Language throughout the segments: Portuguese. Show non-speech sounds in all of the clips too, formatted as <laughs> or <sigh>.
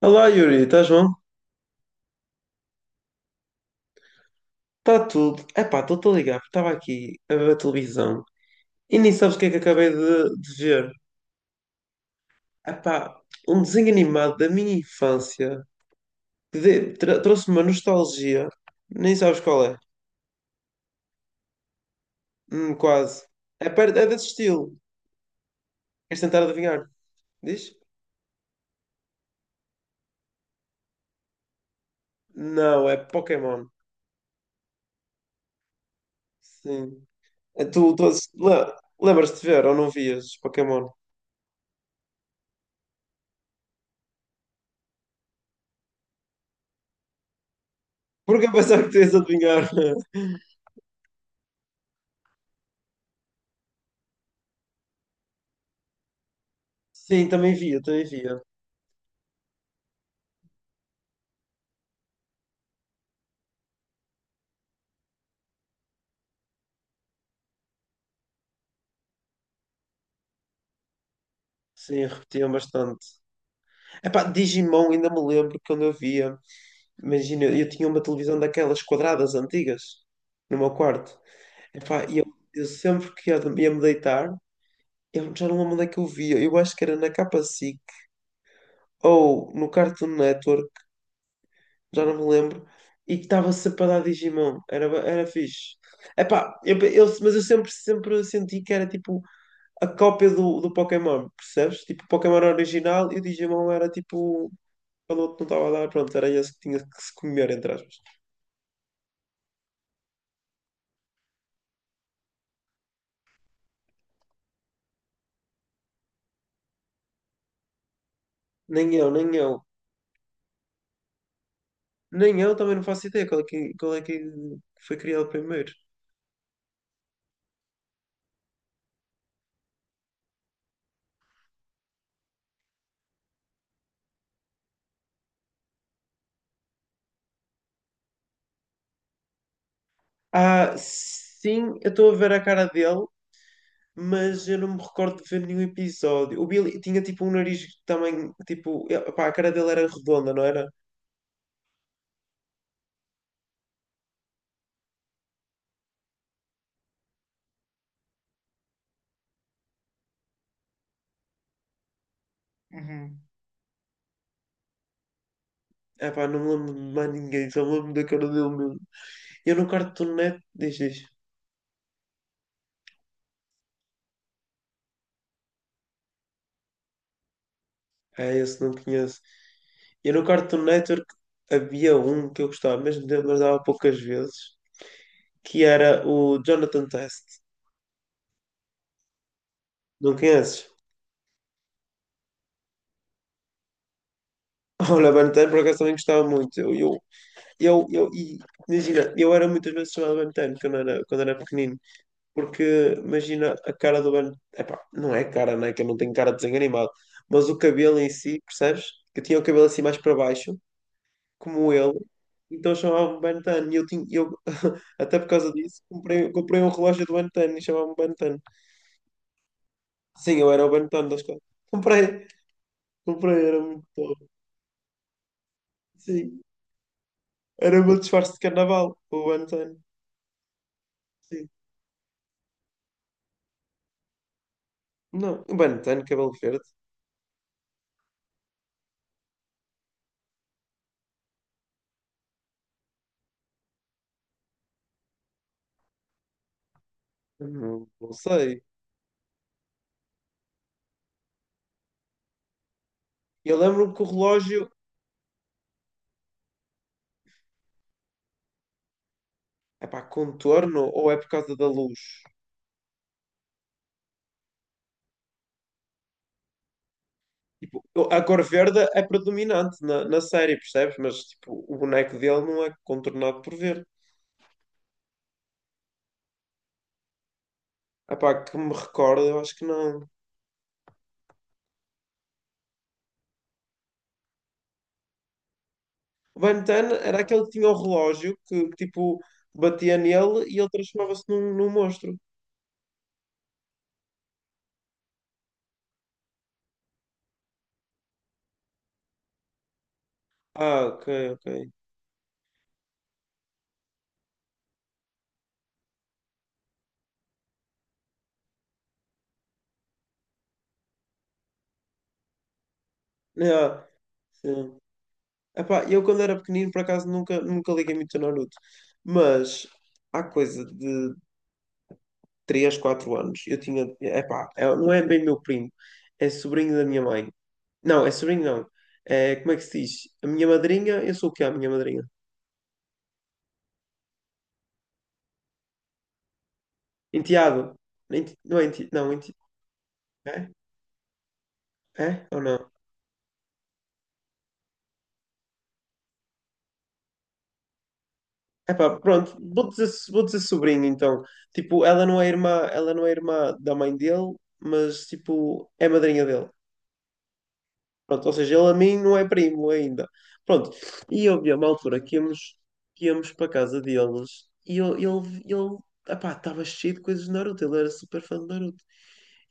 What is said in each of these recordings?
Olá Yuri, estás bom? Está tudo. Epá, estou-te a ligar porque estava aqui a ver a televisão e nem sabes o que é que acabei de ver. Epá, um desenho animado da minha infância que trouxe-me uma nostalgia. Nem sabes qual é. Quase. É, é desse estilo. Queres tentar adivinhar? Diz? Não, é Pokémon. Sim. É lembras-te de ver ou não vias Pokémon? Porque eu pensava que tu ias adivinhar. <laughs> Sim, também via, também via. Sim, repetiam bastante. Epá, Digimon ainda me lembro quando eu via. Imagina, eu tinha uma televisão daquelas quadradas antigas no meu quarto. Epá, e eu sempre que ia me deitar, eu já não lembro onde é que eu via. Eu acho que era na Capa SIC ou no Cartoon Network, já não me lembro. E que estava sempre a dar Digimon. Era, era fixe. Epá, mas eu sempre, sempre senti que era tipo a cópia do Pokémon, percebes? Tipo, o Pokémon era original e o Digimon era tipo quando o outro não estava a dar, pronto, era esse que tinha que se comer, entre aspas. Nem eu, nem eu. Nem eu também não faço ideia qual é que foi criado primeiro. Ah, sim, eu estou a ver a cara dele, mas eu não me recordo de ver nenhum episódio. O Billy tinha tipo um nariz também, tipo, pá, a cara dele era redonda, não era? Uhum. Ah, pá, não me lembro de mais ninguém, só me lembro da cara dele mesmo. Eu no cartoon net, diz, diz. É, esse não conheço. Eu no Cartoon Network havia um que eu gostava, mas dava poucas vezes, que era o Jonathan Test. Não conheces? <laughs> Olha, Ben 10 por acaso também gostava muito. Eu, eu e, imagina, eu era muitas vezes chamado Ben 10 quando era pequenino, porque imagina a cara do Ben. Epá, não é cara, né? Que eu não tenho cara de desenho animado, mas o cabelo em si, percebes? Que eu tinha o cabelo assim mais para baixo como ele, então chamava-me Ben Tan. E eu tinha, eu, <laughs> até por causa disso, comprei um relógio do Ben Tan e chamava-me Ben Tan. Sim, eu era o Ben Tan da escola. Comprei, comprei, era muito top. Sim, era o meu disfarce de carnaval, o Ben Tan. Sim. Não, o Ben Tan, cabelo verde, não, não sei. Eu lembro-me que o relógio é para contorno ou é por causa da luz? Tipo, a cor verde é predominante na série, percebes? Mas tipo, o boneco dele não é contornado por verde. Ah pá, que me recordo, eu acho que não. O Ben 10 era aquele que tinha o relógio que, tipo, batia nele e ele transformava-se num, num monstro. Ah, ok, ok. Ah, sim. Ah, eu quando era pequenino, por acaso, nunca, nunca liguei muito a Naruto. Mas, há coisa de 3 4 anos, eu tinha... É não é bem meu primo, é sobrinho da minha mãe. Não, é sobrinho não. É, como é que se diz? A minha madrinha, eu sou o que é a minha madrinha? Enteado. Não é enti... Não, enti... é? É ou não? Epá, pronto, vou dizer sobrinho então. Tipo, ela não é irmã, ela não é irmã da mãe dele, mas tipo, é madrinha dele. Pronto, ou seja, ele a mim não é primo ainda. Pronto, e eu vi uma altura que íamos para a casa deles ele, epá, estava cheio de coisas de Naruto, ele era super fã de Naruto.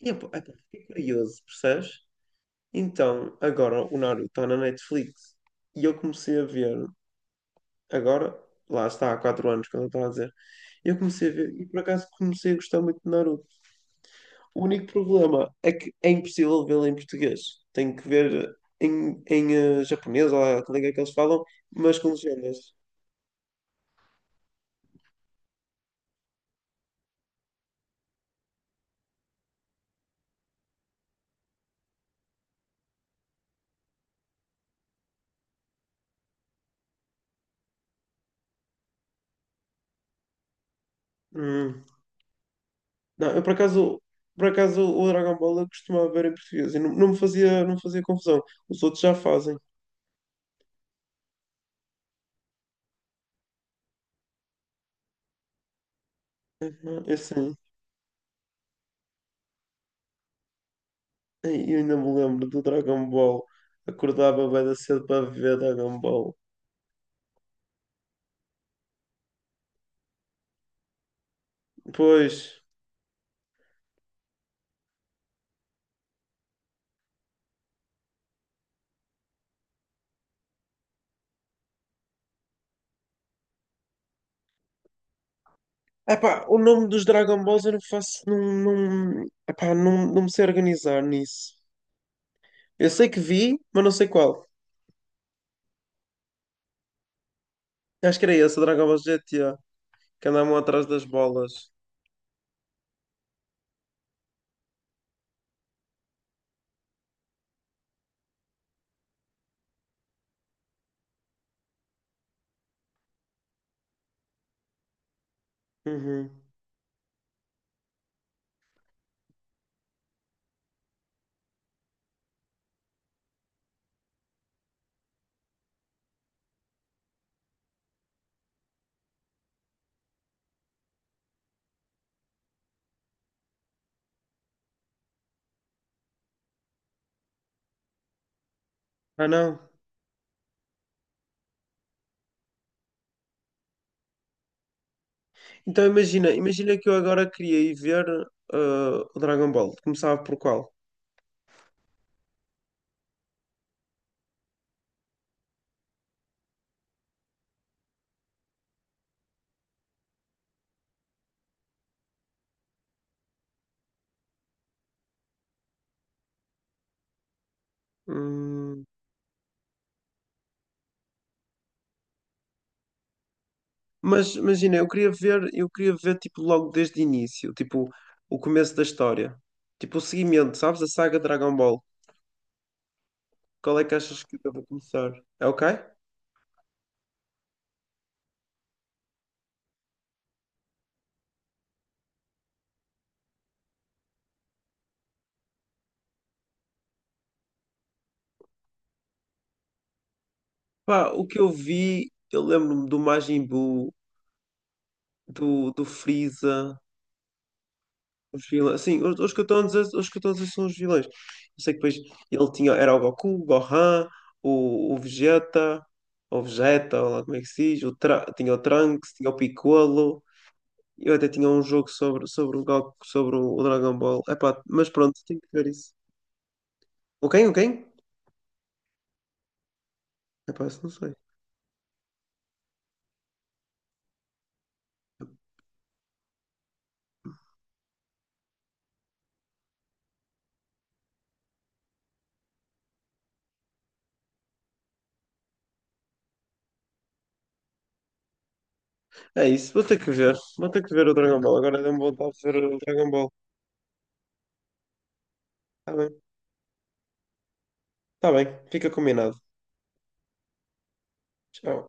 E epá, epá, fiquei curioso, percebes? Então, agora o Naruto está na Netflix e eu comecei a ver agora, lá está, há 4 anos, quando eu estava a dizer. Eu comecei a ver e por acaso comecei a gostar muito de Naruto. O único problema é que é impossível vê-lo em português. Tenho que ver em japonês ou a língua que eles falam, mas com legendas. Hum. Não, eu por acaso o Dragon Ball eu costumava ver em português e não, não me fazia, não me fazia confusão. Os outros já fazem. Uhum, eu sim. Ei, eu ainda me lembro do Dragon Ball. Acordava bem cedo para ver Dragon Ball. Pois. Epá, o nome dos Dragon Balls eu não faço. Não, não, epá, não, não me sei organizar nisso. Eu sei que vi, mas não sei qual. Acho que era esse, o Dragon Ball GTA, que andavam atrás das bolas. Uhum. Ah, não. Então imagina, imagina que eu agora queria ir ver o Dragon Ball. Começava por qual? Hum, mas imagina, eu queria ver tipo logo desde o início, tipo o começo da história. Tipo o seguimento, sabes? A saga Dragon Ball. Qual é que achas que eu devo começar? É ok? Pá, o que eu vi, eu lembro-me do Majin Buu, do Freeza, os vilões. Sim, os que eu estou a dizer são os vilões. Eu sei que depois ele tinha, era o Goku, o Gohan, o Vegeta, ou Vegeta, ou lá como é que se diz, tinha o Trunks, tinha o Piccolo. Eu até tinha um jogo sobre o Goku, sobre o Dragon Ball. Epá, mas pronto, tenho que ver isso. O quem? O quem? Epá, isso não sei. É isso, vou ter que ver. Vou ter que ver o Dragon Ball. Agora deu-me vontade de ver o Dragon Ball. Tá bem, tá bem, fica combinado. Tchau.